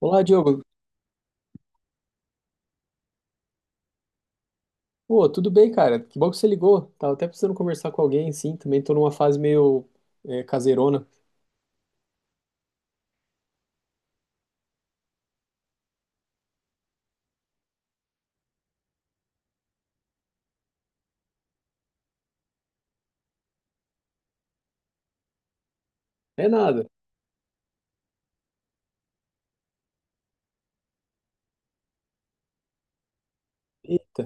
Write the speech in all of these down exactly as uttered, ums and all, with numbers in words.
Olá, Diogo. Pô, tudo bem, cara? Que bom que você ligou. Tava até precisando conversar com alguém, sim. Também tô numa fase meio é, caseirona. É nada. Eita.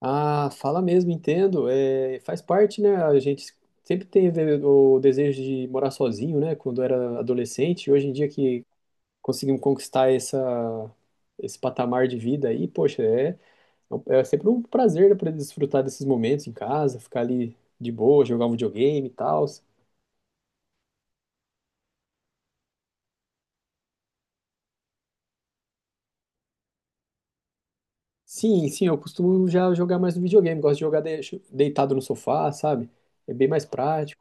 Ah, fala mesmo, entendo. É, faz parte, né? A gente sempre teve o desejo de morar sozinho, né? Quando era adolescente. E hoje em dia que conseguimos conquistar essa, esse patamar de vida aí, poxa, é, é é sempre um prazer, né, para desfrutar desses momentos em casa, ficar ali de boa, jogar um videogame e tal. Sim, sim, eu costumo já jogar mais no videogame, gosto de jogar de- deitado no sofá, sabe? É bem mais prático.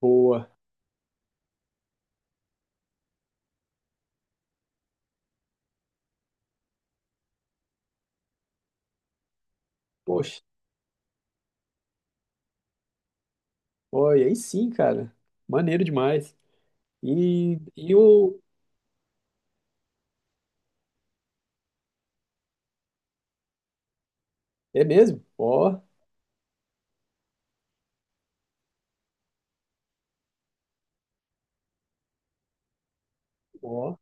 Boa. Poxa, olha, aí sim, cara. Maneiro demais. E, e o. É mesmo? Ó, ó,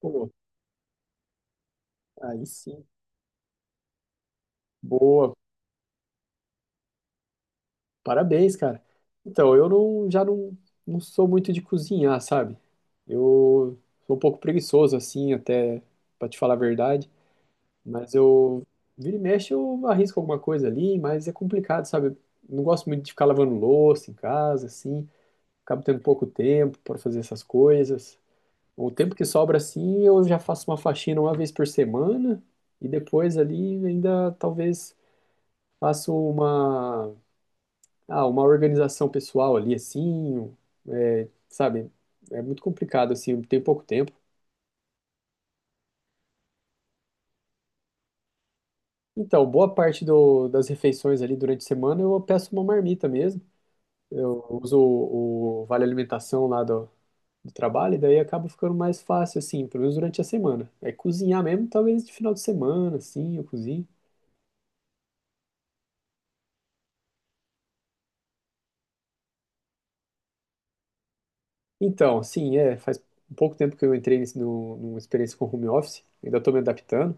pô, aí sim. Boa. Parabéns, cara. Então, eu não, já não, não sou muito de cozinhar, sabe? Eu sou um pouco preguiçoso, assim, até, pra te falar a verdade. Mas eu, vira e mexe, eu arrisco alguma coisa ali, mas é complicado, sabe? Não gosto muito de ficar lavando louça em casa, assim. Acabo tendo pouco tempo para fazer essas coisas. O tempo que sobra, assim, eu já faço uma faxina uma vez por semana e depois ali ainda talvez faço uma, ah, uma organização pessoal ali, assim, é, sabe? É muito complicado, assim, tem pouco tempo. Então, boa parte do- das refeições ali durante a semana eu peço uma marmita mesmo. Eu uso o, o Vale Alimentação lá do, do trabalho, e daí acaba ficando mais fácil, assim, pelo menos durante a semana. É cozinhar mesmo, talvez de final de semana, assim, eu cozinho. Então, sim, é, faz um pouco tempo que eu entrei nesse, no, numa experiência com home office, ainda estou me adaptando,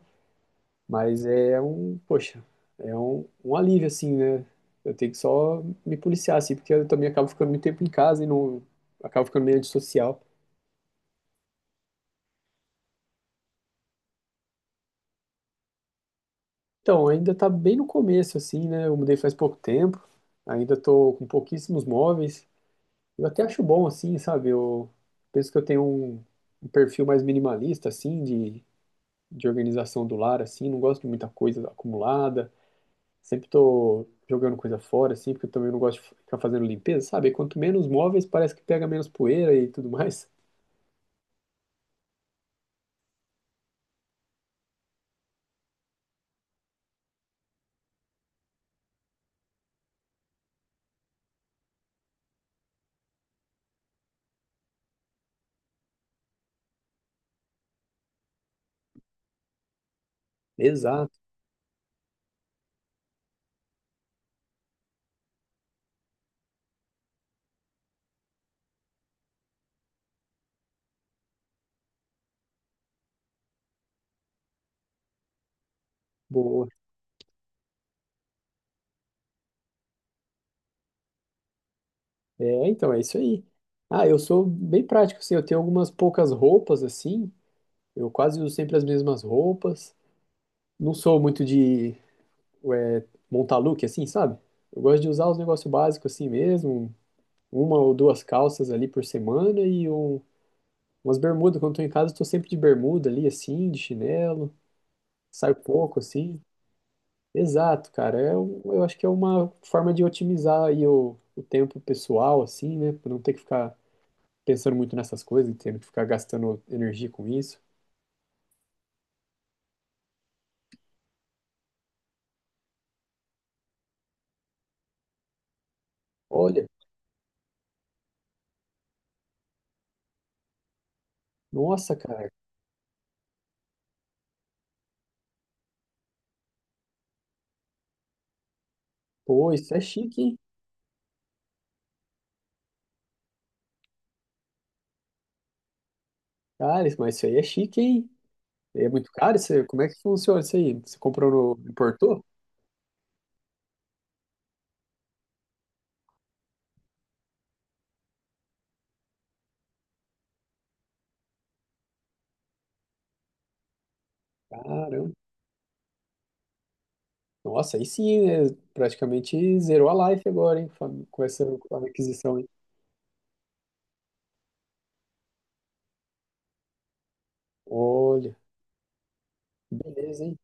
mas é um, poxa, é um, um alívio, assim, né? Eu tenho que só me policiar, assim, porque eu também acabo ficando muito tempo em casa e não, acabo ficando meio antissocial. Então, ainda tá bem no começo, assim, né? Eu mudei faz pouco tempo, ainda tô com pouquíssimos móveis. Eu até acho bom, assim, sabe? Eu penso que eu tenho um, um perfil mais minimalista, assim, de, de organização do lar, assim. Não gosto de muita coisa acumulada. Sempre tô jogando coisa fora, assim, porque eu também não gosto de ficar fazendo limpeza, sabe? Quanto menos móveis, parece que pega menos poeira e tudo mais. Exato, boa. É, então, é isso aí. Ah, eu sou bem prático, assim, eu tenho algumas poucas roupas, assim, eu quase uso sempre as mesmas roupas. Não sou muito de é, montar look assim, sabe? Eu gosto de usar os negócios básicos assim mesmo. Uma ou duas calças ali por semana e um- umas bermudas. Quando tô em casa, estou sempre de bermuda ali, assim, de chinelo. Saio pouco, assim. Exato, cara. É, um- eu acho que é uma forma de otimizar aí o, o tempo pessoal, assim, né? Pra não ter que ficar pensando muito nessas coisas e tendo que ficar gastando energia com isso. Olha, nossa, cara. Pô, isso é chique, hein? Cara, isso- mas isso aí é chique, hein? É muito caro? Isso, como é que funciona isso aí? Você comprou no... Importou? Caramba. Nossa, aí sim, né? Praticamente zerou a life agora, hein? Fam- Com essa com a aquisição, hein? Olha, beleza, hein?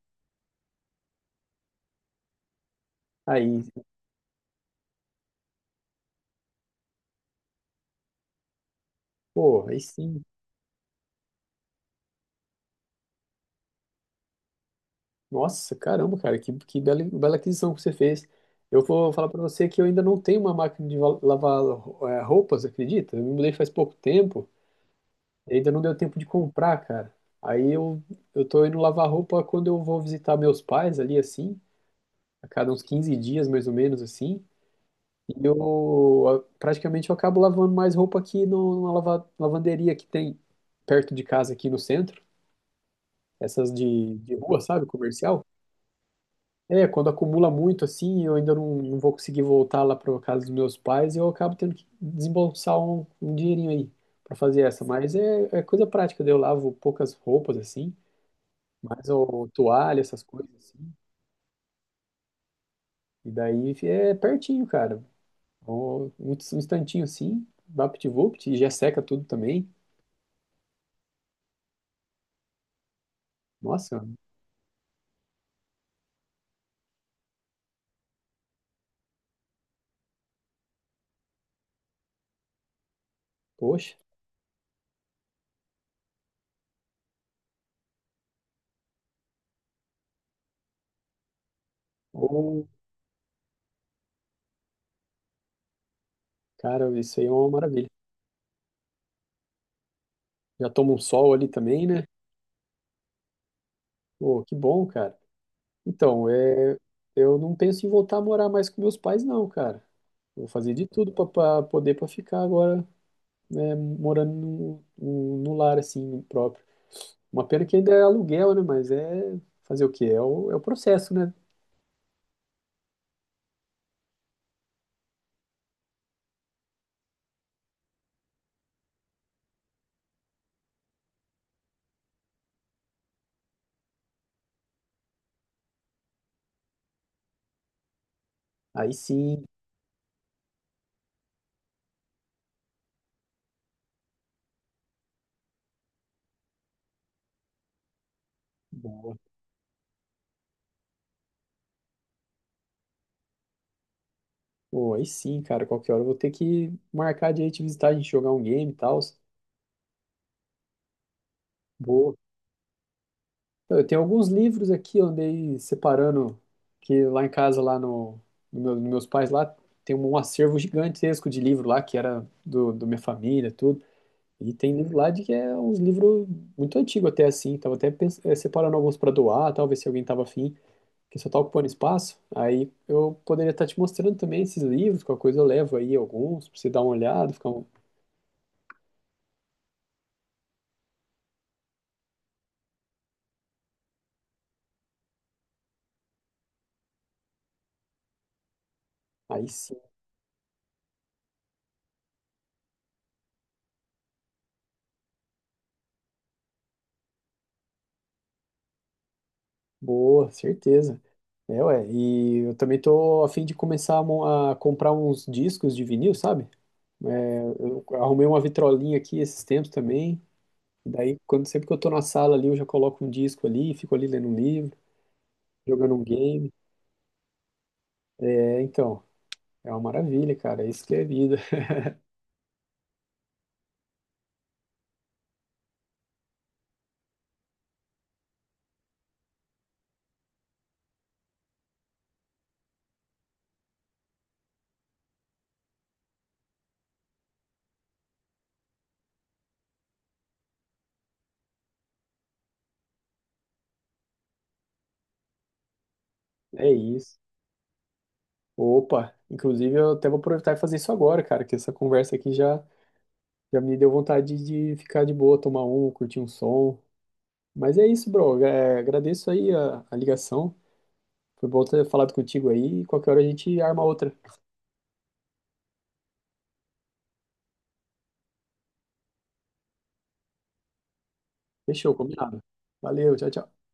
Aí, pô, aí sim. Nossa, caramba, cara, que, que bela, bela aquisição que você fez. Eu vou falar pra você que eu ainda não tenho uma máquina de va- lavar, eh, roupas, acredita? Eu me mudei faz pouco tempo. E ainda não deu tempo de comprar, cara. Aí eu, eu tô indo lavar roupa quando eu vou visitar meus pais ali, assim, a cada uns quinze dias, mais ou menos, assim. E eu ah, praticamente eu acabo lavando mais roupa aqui no- numa lava, lavanderia que tem perto de casa aqui no centro. Essas de, de rua, sabe? Comercial. É, quando acumula muito, assim, eu ainda não, não vou conseguir voltar lá para casa dos meus pais e eu acabo tendo que desembolsar um, um dinheirinho aí para fazer essa. Mas é, é coisa prática, daí eu lavo poucas roupas, assim. Mais o toalha, essas coisas assim. E daí é pertinho, cara. Um, um instantinho assim, vapt-vupt, e já seca tudo também. Nossa, poxa. Ô, cara, isso aí é uma maravilha. Já toma um sol ali também, né? Pô, que bom, cara. Então, é, eu não penso em voltar a morar mais com meus pais, não, cara. Vou fazer de tudo para poder para ficar agora né, morando no, no, no lar, assim, próprio. Uma pena que ainda é aluguel, né? Mas é fazer o quê? É o, é o processo, né? Aí sim, boa. Pô, aí sim, cara, qualquer hora eu vou ter que marcar de ir te visitar, a gente jogar um game e tal. Boa. Eu tenho alguns livros aqui, eu andei separando, que lá em casa, lá no, no meu, nos meus pais, lá tem um acervo gigantesco de livro lá, que era do, do minha família, tudo. E tem livro lá de que é uns livros muito antigos até assim. Tava até pens- eh, separando alguns para doar, talvez se alguém tava afim, que só tá ocupando espaço. Aí eu poderia estar te mostrando também esses livros, qualquer coisa eu levo aí alguns, pra você dar uma olhada, ficar um... Aí sim, boa, certeza. É, ué, e eu também tô a fim de começar a, mon- a comprar uns discos de vinil, sabe? Eu arrumei uma vitrolinha aqui esses tempos também. Daí, quando sempre que eu tô na sala ali, eu já coloco um disco ali, fico ali lendo um livro, jogando um game. É, então. É uma maravilha, cara. É isso que é vida. É isso. Opa, inclusive eu até vou aproveitar e fazer isso agora, cara, que essa conversa aqui já, já me deu vontade de ficar de boa, tomar um, curtir um som. Mas é isso, bro. É, agradeço aí a, a ligação. Foi bom ter falado contigo aí. E qualquer hora a gente arma outra. Fechou, combinado. Valeu, tchau, tchau.